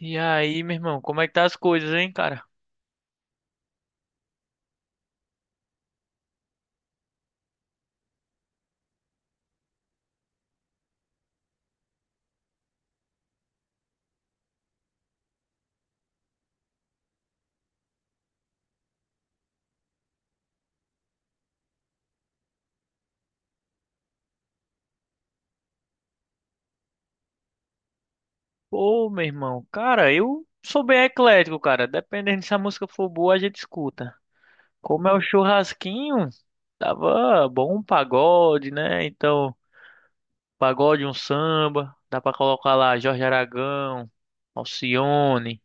E aí, meu irmão, como é que tá as coisas, hein, cara? Pô, meu irmão, cara, eu sou bem eclético, cara. Dependendo se a música for boa, a gente escuta. Como é o churrasquinho, tava bom um pagode, né? Então, pagode, um samba, dá pra colocar lá Jorge Aragão, Alcione,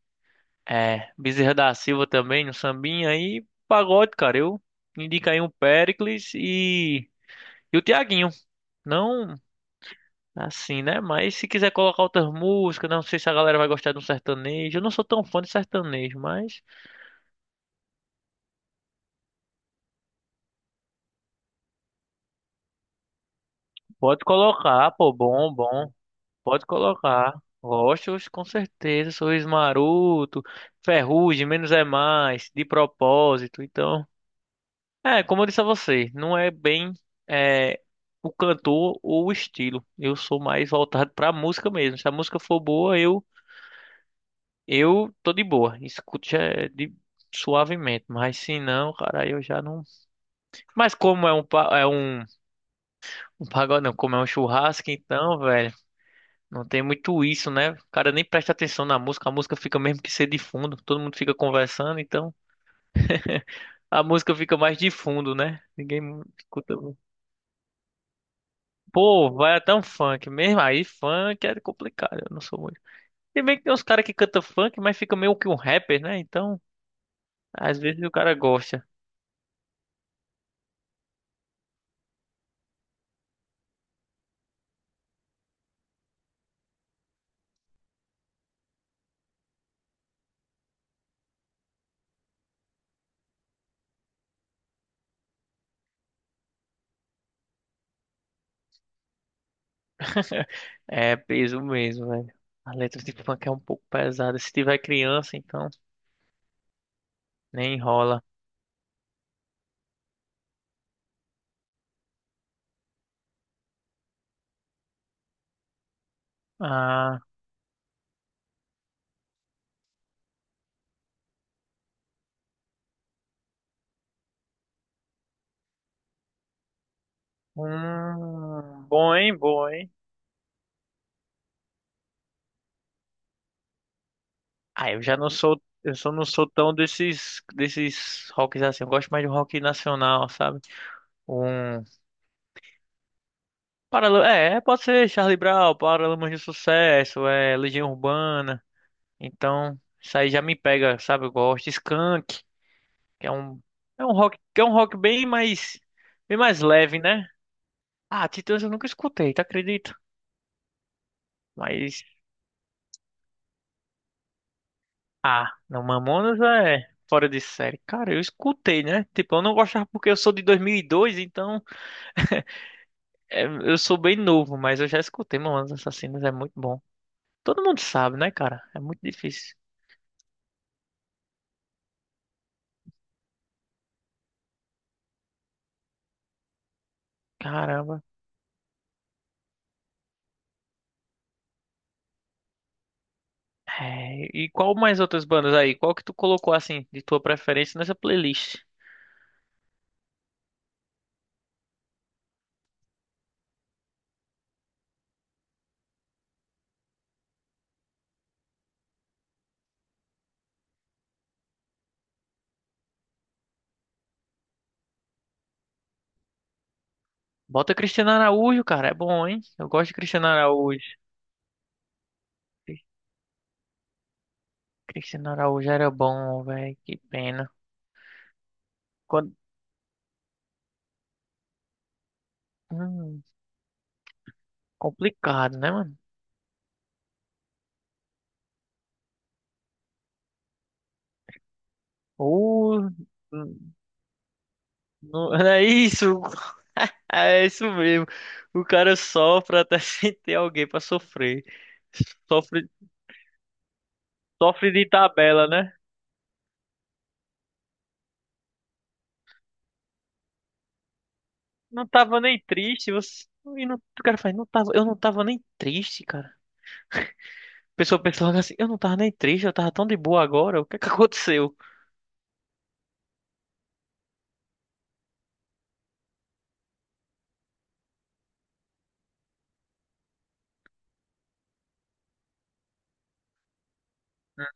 Bezerra da Silva também, no sambinha aí, pagode, cara. Eu indico aí um Péricles e o Tiaguinho. Não. Assim, né? Mas se quiser colocar outras músicas, né? Não sei se a galera vai gostar de um sertanejo. Eu não sou tão fã de sertanejo, mas pode colocar, pô, bom, bom. Pode colocar. Gosto, com certeza. Sorriso Maroto, Ferrugem, Menos é Mais, De Propósito. Então, como eu disse a você, não é bem é, o cantor ou o estilo. Eu sou mais voltado pra música mesmo. Se a música for boa, Eu tô de boa, escuto já é de suavemente, mas se não, cara, aí eu já não. Mas como é um é um pagode, não, como é um churrasco, então, velho, não tem muito isso, né? O cara nem presta atenção na música, a música fica mesmo que ser de fundo, todo mundo fica conversando, então a música fica mais de fundo, né? Ninguém escuta. Pô, vai até um funk mesmo, aí funk é complicado, eu não sou muito. Se bem que tem uns caras que cantam funk, mas fica meio que um rapper, né? Então, às vezes o cara gosta. É peso mesmo, velho. A letra de funk é um pouco pesada. Se tiver criança, então nem rola. Ah, bom, hein, bom, hein. Ah, eu já não sou, eu só não sou tão desses rocks assim. Eu gosto mais de um rock nacional, sabe? Um, Paralamas, pode ser Charlie Brown, Paralamas de Sucesso, é Legião Urbana. Então, isso aí já me pega, sabe? Eu gosto. Skunk, que é um rock, que é um rock bem mais leve, né? Ah, Titãs eu nunca escutei, tá acredita? Mas, ah, não, Mamonas é fora de série. Cara, eu escutei, né? Tipo, eu não gostava porque eu sou de 2002, então eu sou bem novo, mas eu já escutei Mamonas Assassinas, é muito bom. Todo mundo sabe, né, cara? É muito difícil. Caramba. É, e qual mais outras bandas aí? Qual que tu colocou, assim, de tua preferência nessa playlist? Bota Cristiano Araújo, cara, é bom, hein? Eu gosto de Cristiano Araújo. Cristiano Araújo era bom, velho, que pena. Quando... hum. Complicado, né, mano? Ou. É isso. É isso mesmo. O cara sofre até sem ter alguém pra sofrer. Sofre, sofre de tabela, né? Não tava nem triste. Você... E não... O cara faz, não tava... eu não tava nem triste, cara. A pessoa pensa logo assim, eu não tava nem triste, eu tava tão de boa agora. O que é que aconteceu?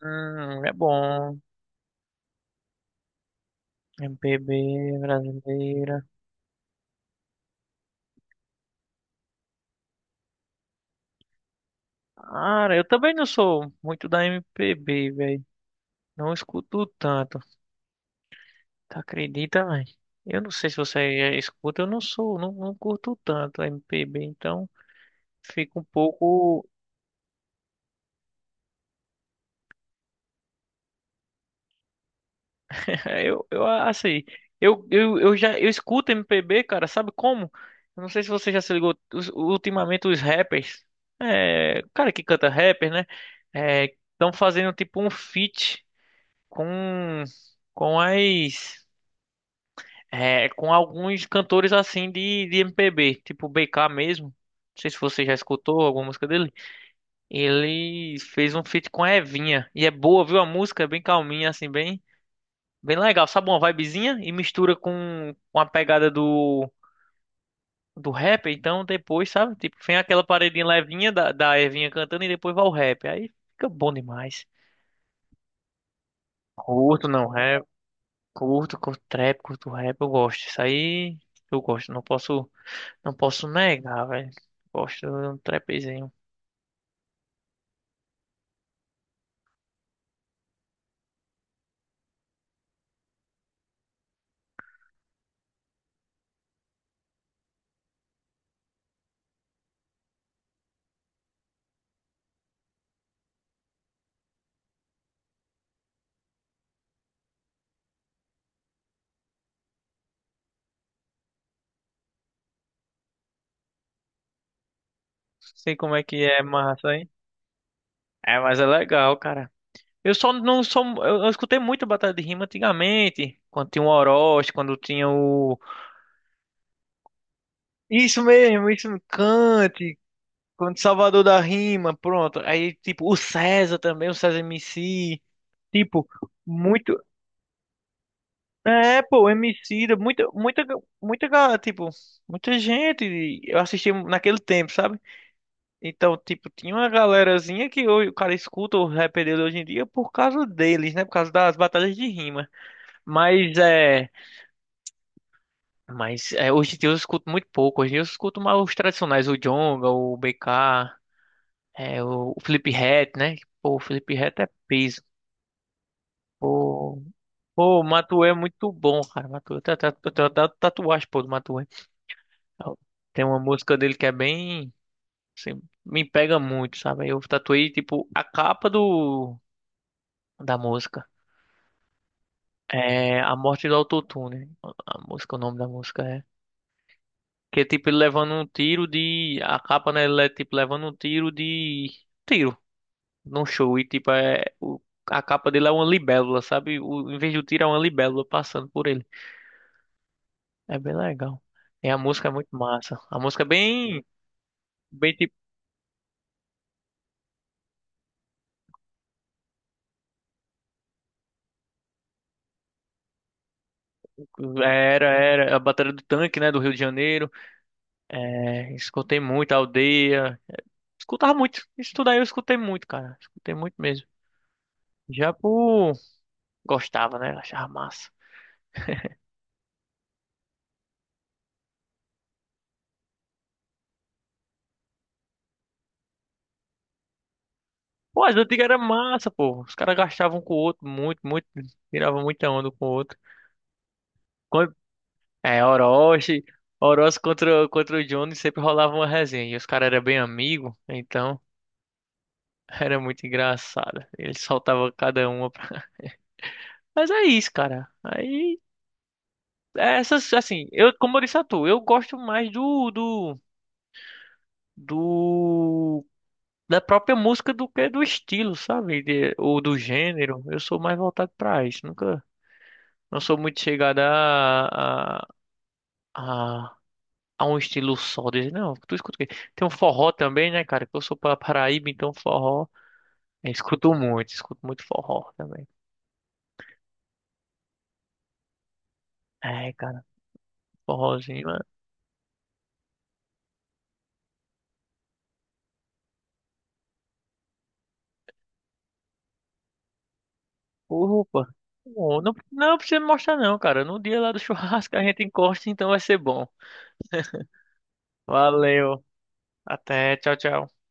É bom. MPB brasileira. Cara, eu também não sou muito da MPB, velho. Não escuto tanto. Tu acredita, velho? Eu não sei se você escuta, eu não sou, não, não curto tanto MPB, então fico um pouco. Eu assim, eu escuto MPB, cara, sabe como? Eu não sei se você já se ligou, ultimamente os rappers, o cara que canta rapper, né? estão fazendo tipo um feat com, com as. Com alguns cantores assim de MPB, tipo BK mesmo. Não sei se você já escutou alguma música dele. Ele fez um feat com a Evinha. E é boa, viu? A música é bem calminha, assim, bem legal. Sabe uma vibezinha? E mistura com a pegada do rap. Então depois, sabe? Tipo, vem aquela paredinha levinha da Evinha cantando e depois vai o rap. Aí fica bom demais. Curto, não rap. Curto, curto trap, curto rap. Eu gosto. Isso aí eu gosto. Não posso negar, velho. Gosto de um trapzinho. Sei como é que é massa, hein? É, mas é legal, cara. Eu só não sou. Eu escutei muito batalha de rima antigamente, quando tinha o Orochi, quando tinha o. Isso mesmo, isso mesmo. Cante, quando Salvador da Rima, pronto. Aí, tipo, o César também, o César MC. Tipo, muito. É, pô, MC, tipo, muita gente. Eu assisti naquele tempo, sabe? Então, tipo, tinha uma galerazinha que hoje o cara escuta o rap dele hoje em dia por causa deles, né? Por causa das batalhas de rima. Mas é. Mas é, hoje em dia eu escuto muito pouco. Hoje em dia eu escuto mais os tradicionais, o Djonga, o BK, o Fliphead, né? Pô, o Fliphead é peso. Pô, pô, o Matuê é muito bom, cara. Matuê, eu tenho até tatuagem, pô, do Matuê. Tem uma música dele que é bem, assim, me pega muito, sabe? Eu tatuei, tipo, a capa do, da música. É A Morte do Autotune. A música, o nome da música é. Que é tipo ele levando um tiro de. A capa, né? Ele é tipo levando um tiro de. Tiro. Num show. E tipo, é. A capa dele é uma libélula, sabe? O... Em vez do tiro, é uma libélula passando por ele. É bem legal. E a música é muito massa. A música é bem. Bem tipo. Era. A Batalha do Tanque, né? Do Rio de Janeiro. É... Escutei muito a aldeia. Escutava muito. Isso tudo aí eu escutei muito, cara. Escutei muito mesmo. Já por. Gostava, né? Achava massa. Pô, as antigas era massa, pô. Os caras gastavam com o outro muito, muito. Tiravam muita onda com o outro. Quando- É, Orochi. Orochi contra o Johnny sempre rolava uma resenha. E os caras eram bem amigos, então era muito engraçado. Eles soltavam cada uma. Mas é isso, cara. Aí, essas, assim, eu, como eu disse a tu, eu gosto mais do, da própria música do que do estilo, sabe? Ou do gênero. Eu sou mais voltado pra isso. Nunca. Não sou muito chegada a, a um estilo só. Dizer, não, tu escuta o quê? Tem um forró também, né, cara? Que eu sou para Paraíba, então forró. Eu escuto muito forró também. É, cara, forrozinho, mano. Opa! Bom, não precisa me mostrar, não, cara. No dia lá do churrasco a gente encosta, então vai ser bom. Valeu. Até, tchau, tchau.